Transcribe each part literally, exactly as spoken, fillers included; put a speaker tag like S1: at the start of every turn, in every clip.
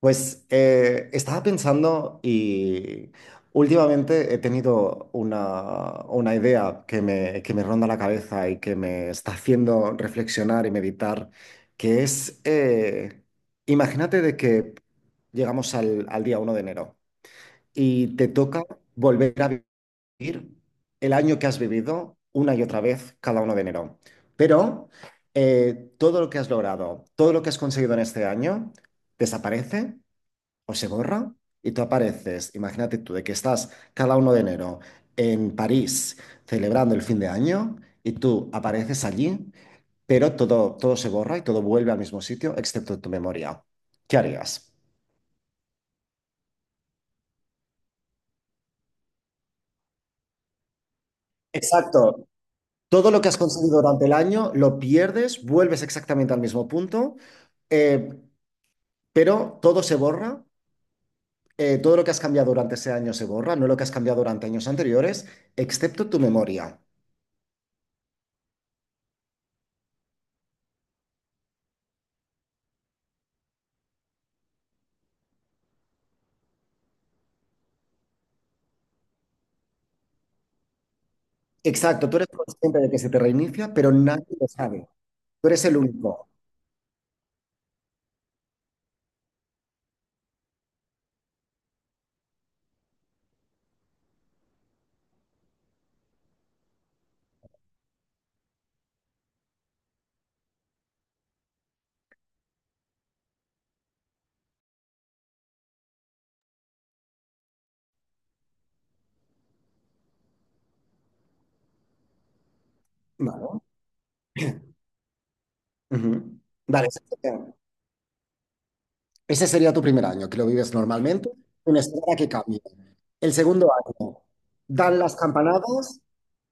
S1: Pues eh, estaba pensando y últimamente he tenido una, una idea que me, que me ronda la cabeza y que me está haciendo reflexionar y meditar, que es, eh, imagínate de que llegamos al, al día uno de enero y te toca volver a vivir el año que has vivido una y otra vez cada uno de enero. Pero eh, todo lo que has logrado, todo lo que has conseguido en este año, desaparece o se borra y tú apareces, imagínate tú, de que estás cada uno de enero en París celebrando el fin de año y tú apareces allí, pero todo, todo se borra y todo vuelve al mismo sitio excepto tu memoria. ¿Qué harías? Exacto. Todo lo que has conseguido durante el año lo pierdes, vuelves exactamente al mismo punto, eh, pero todo se borra. eh, todo lo que has cambiado durante ese año se borra, no lo que has cambiado durante años anteriores, excepto tu memoria. Exacto, tú eres consciente de que se te reinicia, pero nadie lo sabe. Tú eres el único. Vale. Ujú. Vale, ese sería, ese sería tu primer año, que lo vives normalmente, una espera que cambie. El segundo año, dan las campanadas,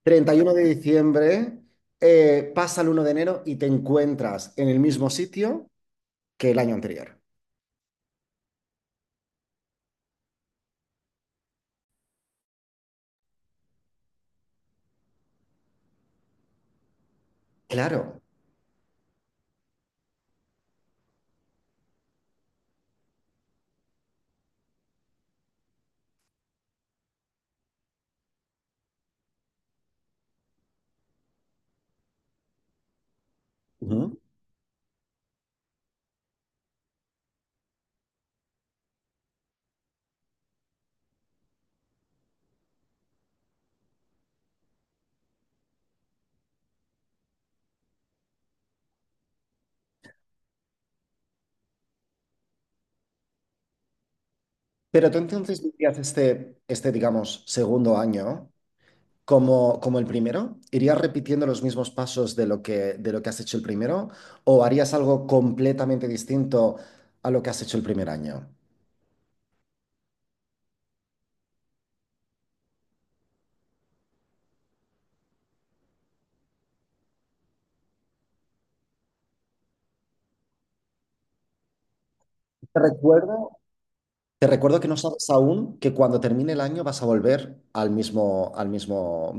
S1: treinta y uno de diciembre, eh, pasa el uno de enero y te encuentras en el mismo sitio que el año anterior. Claro. Ujú. Pero tú entonces vivías este, este, digamos, segundo año. como, como el primero? ¿Irías repitiendo los mismos pasos de lo que, de lo que has hecho el primero? ¿O harías algo completamente distinto a lo que has hecho el primer año? Te recuerdo, te recuerdo que no sabes aún que cuando termine el año vas a volver al mismo, al mismo.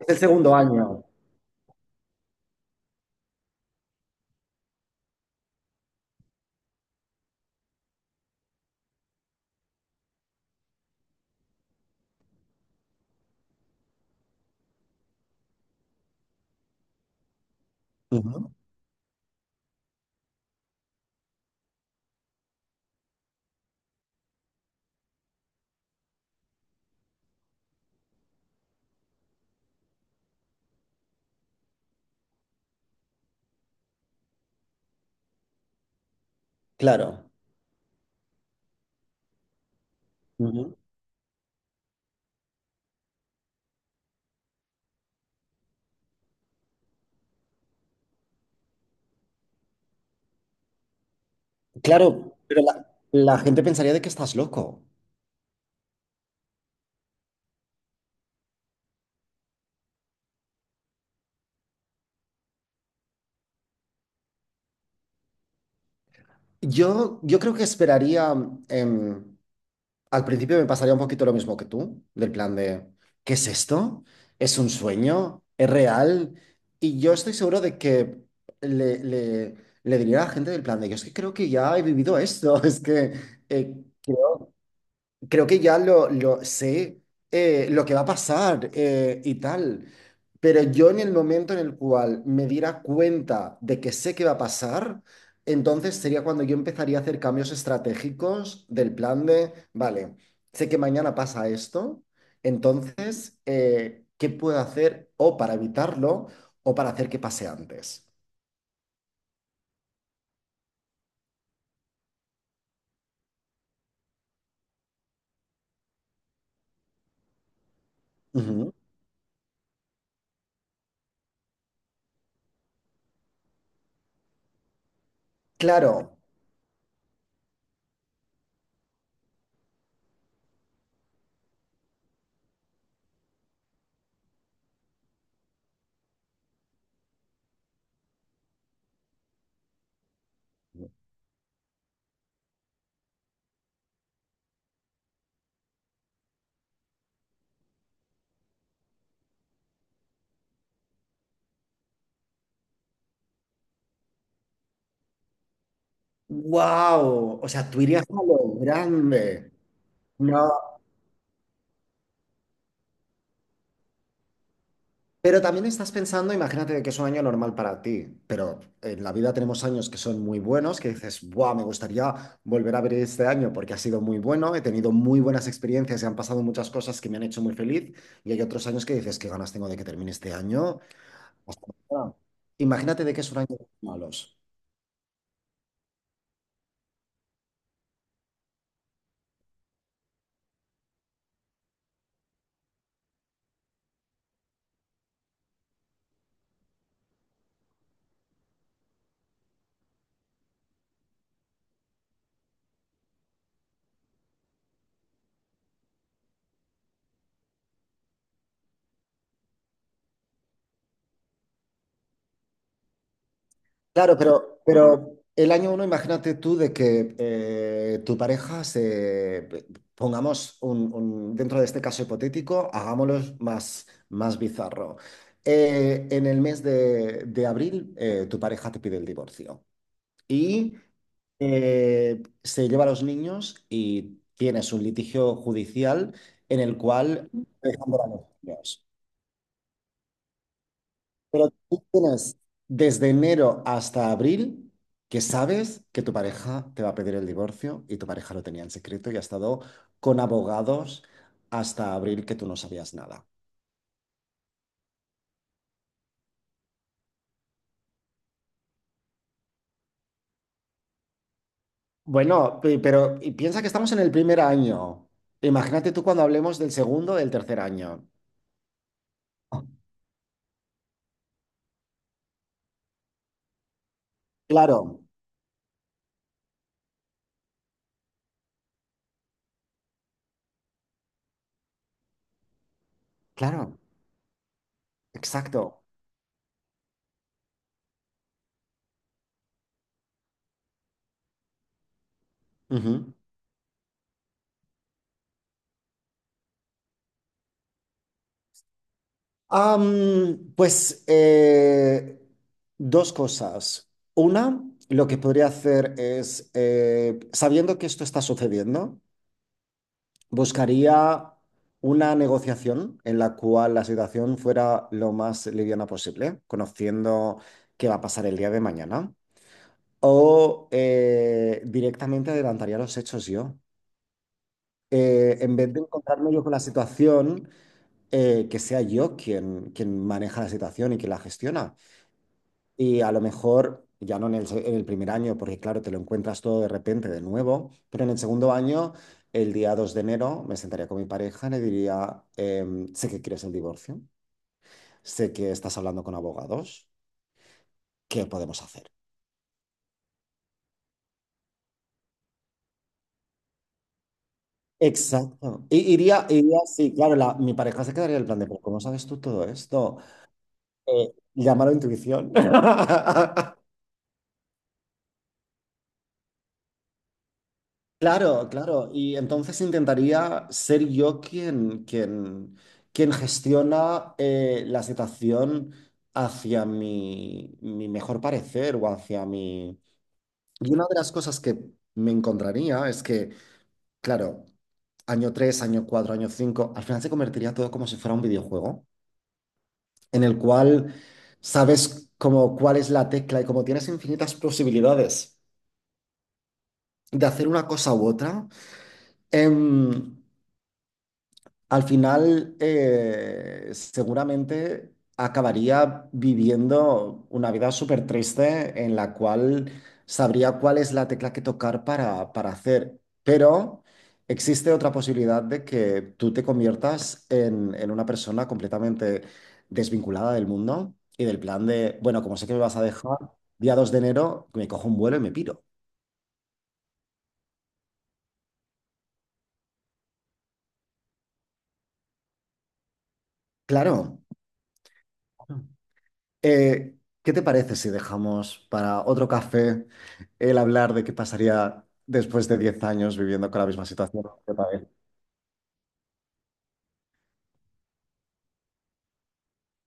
S1: Es el segundo año. Ujú. Claro. Ujú. Claro, pero la, la gente pensaría de que estás loco. Yo, yo creo que esperaría. em, Al principio me pasaría un poquito lo mismo que tú, del plan de, ¿qué es esto? ¿Es un sueño? ¿Es real? Y yo estoy seguro de que le, le- le diría a la gente del plan de, yo es que creo que ya he vivido esto, es que eh, creo que ya lo, lo sé, eh, lo que va a pasar eh, y tal. Pero yo en el momento en el cual me diera cuenta de que sé que va a pasar, entonces sería cuando yo empezaría a hacer cambios estratégicos del plan de, vale, sé que mañana pasa esto, entonces, eh, ¿qué puedo hacer o para evitarlo o para hacer que pase antes? Ujú. Claro, wow, o sea, tú irías a lo grande. No. Pero también estás pensando, imagínate de que es un año normal para ti, pero en la vida tenemos años que son muy buenos, que dices, ¡buah! Me gustaría volver a ver este año porque ha sido muy bueno, he tenido muy buenas experiencias y han pasado muchas cosas que me han hecho muy feliz. Y hay otros años que dices, ¿qué ganas tengo de que termine este año? Hasta mañana". Imagínate de que es un año de malos. Claro, pero, pero el año uno, imagínate tú de que eh, tu pareja se, pongamos un, un- dentro de este caso hipotético, hagámoslo más, más bizarro. Eh, en el mes de, de abril, eh, tu pareja te pide el divorcio y eh, se lleva a los niños y tienes un litigio judicial en el cual... te por los niños. Pero tú tienes desde enero hasta abril que sabes que tu pareja te va a pedir el divorcio y tu pareja lo tenía en secreto y ha estado con abogados hasta abril que tú no sabías nada. Bueno, pe- pero y piensa que estamos en el primer año. Imagínate tú cuando hablemos del segundo, del tercer año. Claro, claro, exacto. Ujú. Am, pues eh, dos cosas. Una, lo que podría hacer es, eh, sabiendo que esto está sucediendo, buscaría una negociación en la cual la situación fuera lo más liviana posible, conociendo qué va a pasar el día de mañana. O eh, directamente adelantaría los hechos yo. Eh, en vez de encontrarme yo con la situación, eh, que sea yo quien, quien maneja la situación y quien la gestiona. Y a lo mejor, ya no en el, se- en el primer año, porque claro, te lo encuentras todo de repente de nuevo, pero en el segundo año, el día dos de enero, me sentaría con mi pareja y le diría, em, sé que quieres el divorcio, sé que estás hablando con abogados, ¿qué podemos hacer? Exacto. Y iría, iría, sí, claro, la- mi pareja se quedaría en el plan de, pero ¿cómo sabes tú todo esto? Eh, llámalo intuición. Claro, claro. Y entonces intentaría ser yo quien, quien, quien gestiona eh, la situación hacia mi, mi mejor parecer o hacia mi... Y una de las cosas que me encontraría es que, claro, año tres, año cuatro, año cinco, al final se convertiría todo como si fuera un videojuego, en el cual sabes como cuál es la tecla y como tienes infinitas posibilidades de hacer una cosa u otra. em, Al final, eh, seguramente acabaría viviendo una vida súper triste en la cual sabría cuál es la tecla que tocar para, para hacer. Pero existe otra posibilidad de que tú te conviertas en, en una persona completamente desvinculada del mundo y del plan de, bueno, como sé que me vas a dejar, día dos de enero, me cojo un vuelo y me piro. Claro. Eh, ¿qué te parece si dejamos para otro café el hablar de qué pasaría después de diez años viviendo con la misma situación? ¿Qué te parece?